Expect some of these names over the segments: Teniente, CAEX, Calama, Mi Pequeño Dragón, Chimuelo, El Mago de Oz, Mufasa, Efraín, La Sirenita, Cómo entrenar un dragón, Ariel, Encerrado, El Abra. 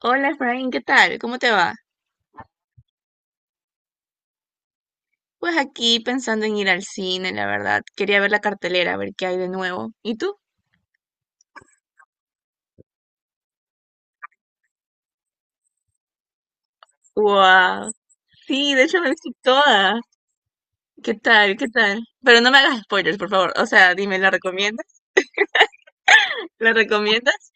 Hola, Efraín, ¿qué tal? ¿Cómo te va? Pues aquí pensando en ir al cine, la verdad. Quería ver la cartelera, a ver qué hay de nuevo. ¿Y tú? ¡Wow! Sí, de hecho me visto toda. ¿Qué tal? ¿Qué tal? Pero no me hagas spoilers, por favor. O sea, dime, ¿la recomiendas? ¿La recomiendas?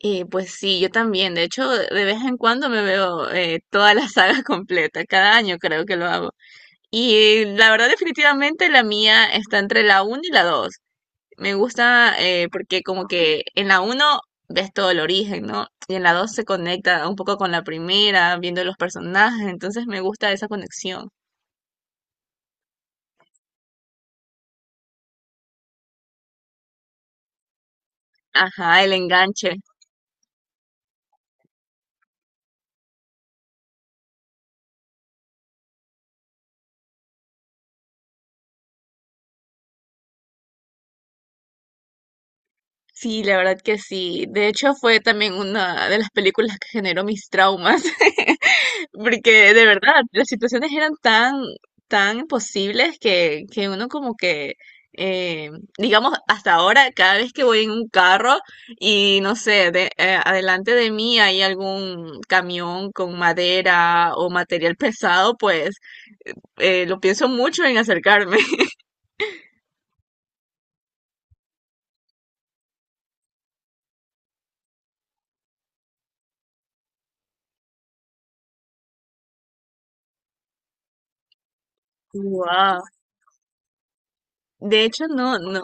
Pues sí, yo también. De hecho, de vez en cuando me veo toda la saga completa. Cada año creo que lo hago. Y la verdad, definitivamente la mía está entre la uno y la 2. Me gusta porque como que en la uno ves todo el origen, ¿no? Y en la 2 se conecta un poco con la primera, viendo los personajes, entonces me gusta esa conexión. Ajá, el enganche. Sí, la verdad que sí. De hecho, fue también una de las películas que generó mis traumas. Porque de verdad, las situaciones eran tan, tan imposibles que uno como que, eh, digamos, hasta ahora, cada vez que voy en un carro y no sé, adelante de mí hay algún camión con madera o material pesado, pues lo pienso mucho en acercarme. Wow. De hecho, no, no.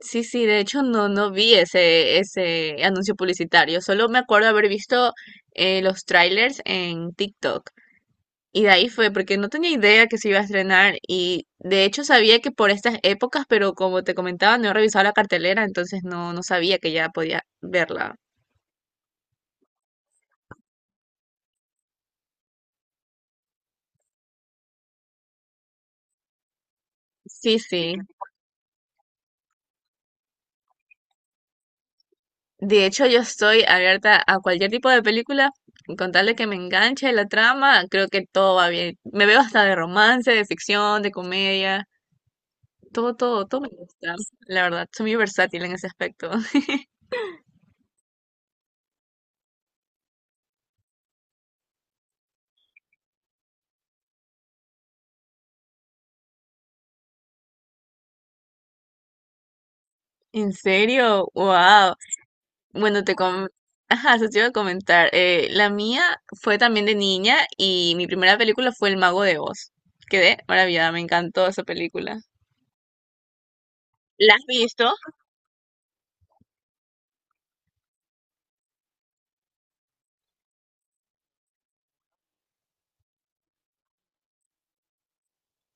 Sí, sí, de hecho no, no vi ese, ese anuncio publicitario. Solo me acuerdo haber visto los trailers en TikTok. Y de ahí fue, porque no tenía idea que se iba a estrenar y de hecho sabía que por estas épocas, pero como te comentaba, no he revisado la cartelera, entonces no, no sabía que ya podía verla. Sí, sí. De hecho, yo estoy abierta a cualquier tipo de película, con tal de que me enganche la trama, creo que todo va bien. Me veo hasta de romance, de ficción, de comedia, todo, todo, todo me gusta. La verdad, soy muy versátil en ese aspecto. ¿En serio? ¡Wow! Bueno, te com ajá, eso te iba a comentar. La mía fue también de niña y mi primera película fue El Mago de Oz. Quedé maravillada, me encantó esa película. ¿La has visto?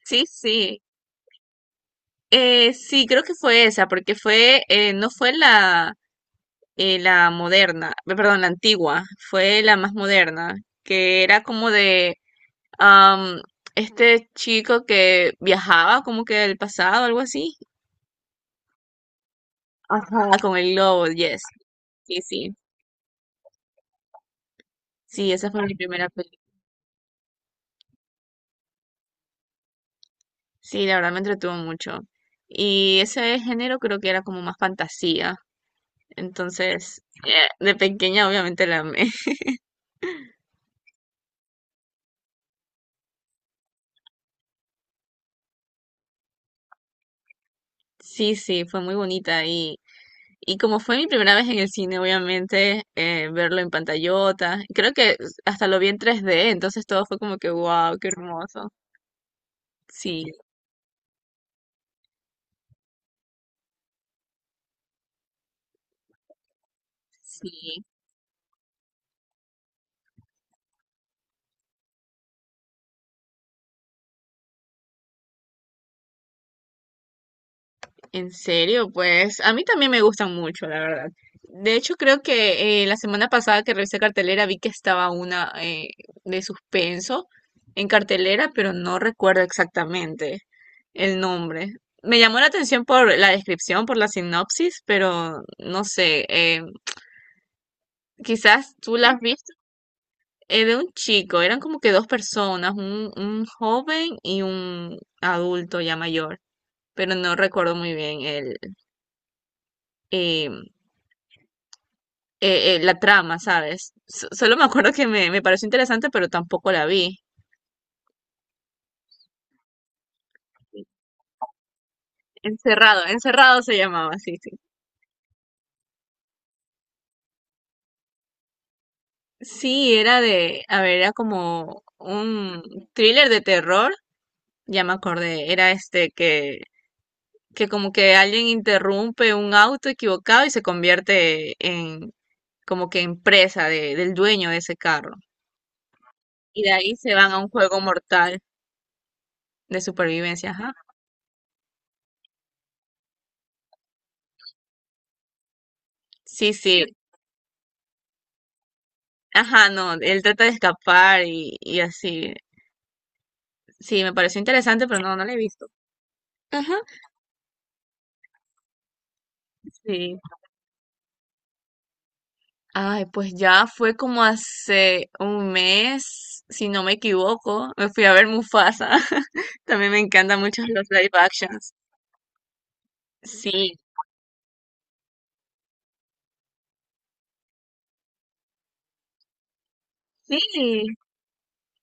Sí, sí. Sí, creo que fue esa, porque fue, no fue la moderna, perdón, la antigua, fue la más moderna, que era como de am, este chico que viajaba como que del pasado, algo así. Ajá. Con el globo, yes. Sí, sí. Sí, esa fue mi primera película. Sí, la verdad me entretuvo mucho. Y ese género creo que era como más fantasía. Entonces, de pequeña obviamente la amé. Sí, sí, fue muy bonita. Y como fue mi primera vez en el cine, obviamente, verlo en pantallota. Creo que hasta lo vi en 3D, entonces todo fue como que, wow, qué hermoso. Sí, sí. En serio, pues a mí también me gustan mucho, la verdad. De hecho, creo que la semana pasada que revisé cartelera vi que estaba una de suspenso en cartelera, pero no recuerdo exactamente el nombre. Me llamó la atención por la descripción, por la sinopsis, pero no sé, quizás tú la has visto. De un chico, eran como que dos personas, un joven y un adulto ya mayor, pero no recuerdo muy bien eh, la trama, ¿sabes? Solo me acuerdo que me pareció interesante, pero tampoco la vi. Encerrado, Encerrado se llamaba, sí, sí. Sí, era de, a ver, era como un thriller de terror, ya me acordé, era este que como que alguien interrumpe un auto equivocado y se convierte en como que en presa del dueño de ese carro. Y de ahí se van a un juego mortal de supervivencia, ajá. Sí, sí, ajá, no, él trata de escapar y así. Sí, me pareció interesante, pero no, no la he visto. Ajá. Sí. Ay, pues ya fue como hace un mes, si no me equivoco, me fui a ver Mufasa. También me encantan mucho los live actions. Sí, sí.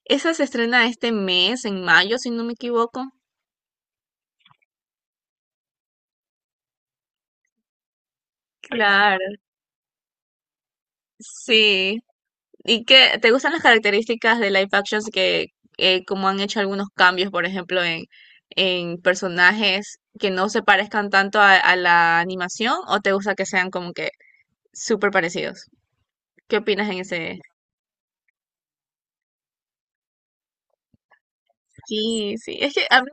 Esa se estrena este mes, en mayo, si no me equivoco. Claro, sí. ¿Y qué te gustan las características de live actions que como han hecho algunos cambios, por ejemplo, en personajes que no se parezcan tanto a la animación o te gusta que sean como que súper parecidos? ¿Qué opinas en ese? Sí, sí, es que a mí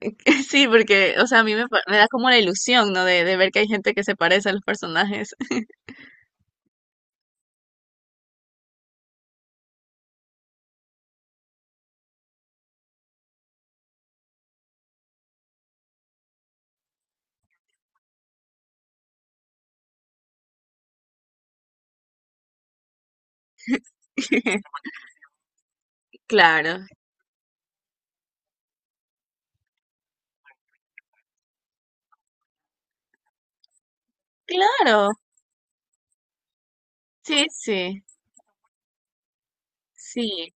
sí, porque, o sea, a mí me da como la ilusión, ¿no? De ver que hay gente que se parece a los personajes. Claro, claro, sí, sí, sí.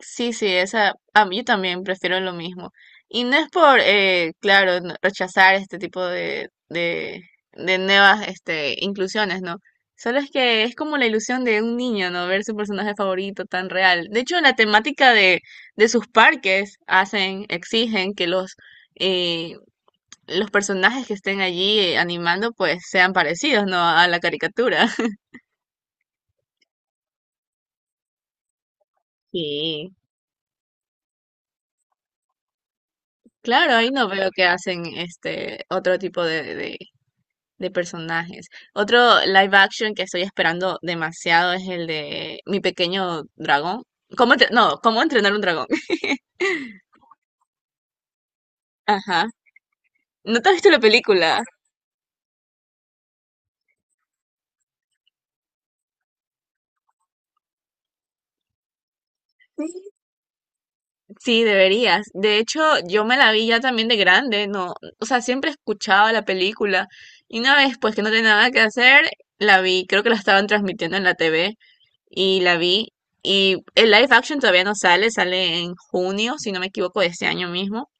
Sí, sí, esa, a mí también prefiero lo mismo. Y no es por, claro, rechazar este tipo de, nuevas, este, inclusiones, ¿no? Solo es que es como la ilusión de un niño, ¿no? Ver su personaje favorito tan real. De hecho, la temática de sus parques hacen, exigen que eh, los personajes que estén allí animando, pues sean parecidos, ¿no? A la caricatura. Sí. Claro, ahí no veo que hacen este otro tipo de personajes. Otro live action que estoy esperando demasiado es el de Mi Pequeño Dragón. ¿Cómo entre- No, ¿Cómo entrenar un dragón? Ajá. ¿No te has visto la película? Sí. Sí, deberías. De hecho, yo me la vi ya también de grande, ¿no? O sea, siempre escuchaba la película. Y una vez, pues que no tenía nada que hacer, la vi. Creo que la estaban transmitiendo en la TV y la vi. Y el live action todavía no sale, sale en junio, si no me equivoco, de este año mismo.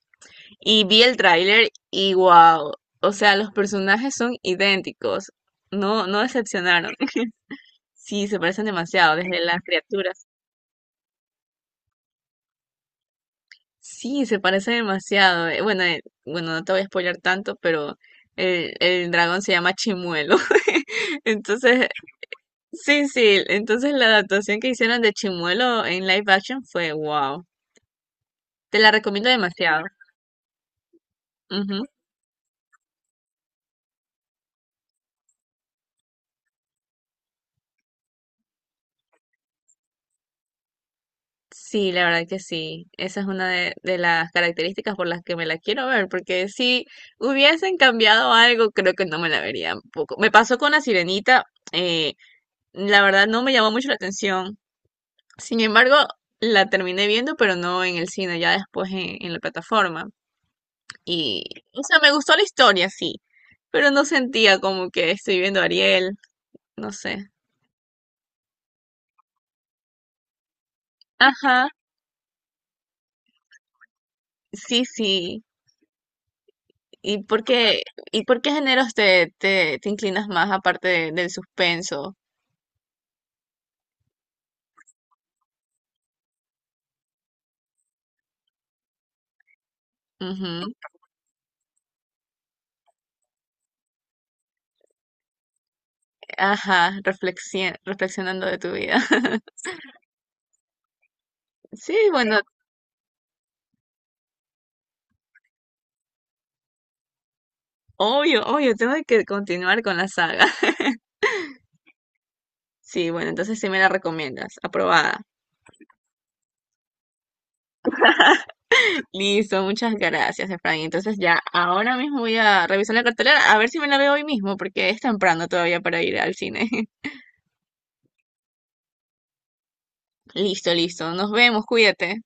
Y vi el tráiler y wow, o sea, los personajes son idénticos, no, no decepcionaron. Sí, se parecen demasiado, desde las criaturas. Sí, se parecen demasiado. Bueno, bueno, no te voy a spoiler tanto, pero el dragón se llama Chimuelo. Entonces, sí, sí, entonces la adaptación que hicieron de Chimuelo en live action fue wow. Te la recomiendo demasiado. Ujú. Sí, la verdad que sí. Esa es una de las características por las que me la quiero ver, porque si hubiesen cambiado algo, creo que no me la vería un poco. Me pasó con La Sirenita, eh, la verdad no me llamó mucho la atención. Sin embargo, la terminé viendo, pero no en el cine, ya después en la plataforma. Y, o sea, me gustó la historia, sí, pero no sentía como que estoy viendo a Ariel, no sé. Ajá, sí, sí. ¿Y por qué, ¿Y por qué géneros te inclinas más aparte del suspenso? Ujú. Ajá, reflexionando de tu vida. Sí, bueno, obvio, obvio, tengo que continuar con la saga. Sí, bueno, entonces sí me la recomiendas, aprobada. Listo, muchas gracias, Efraín. Entonces ya, ahora mismo voy a revisar la cartelera, a ver si me la veo hoy mismo, porque es temprano todavía para ir al cine. Listo, listo, nos vemos, cuídate.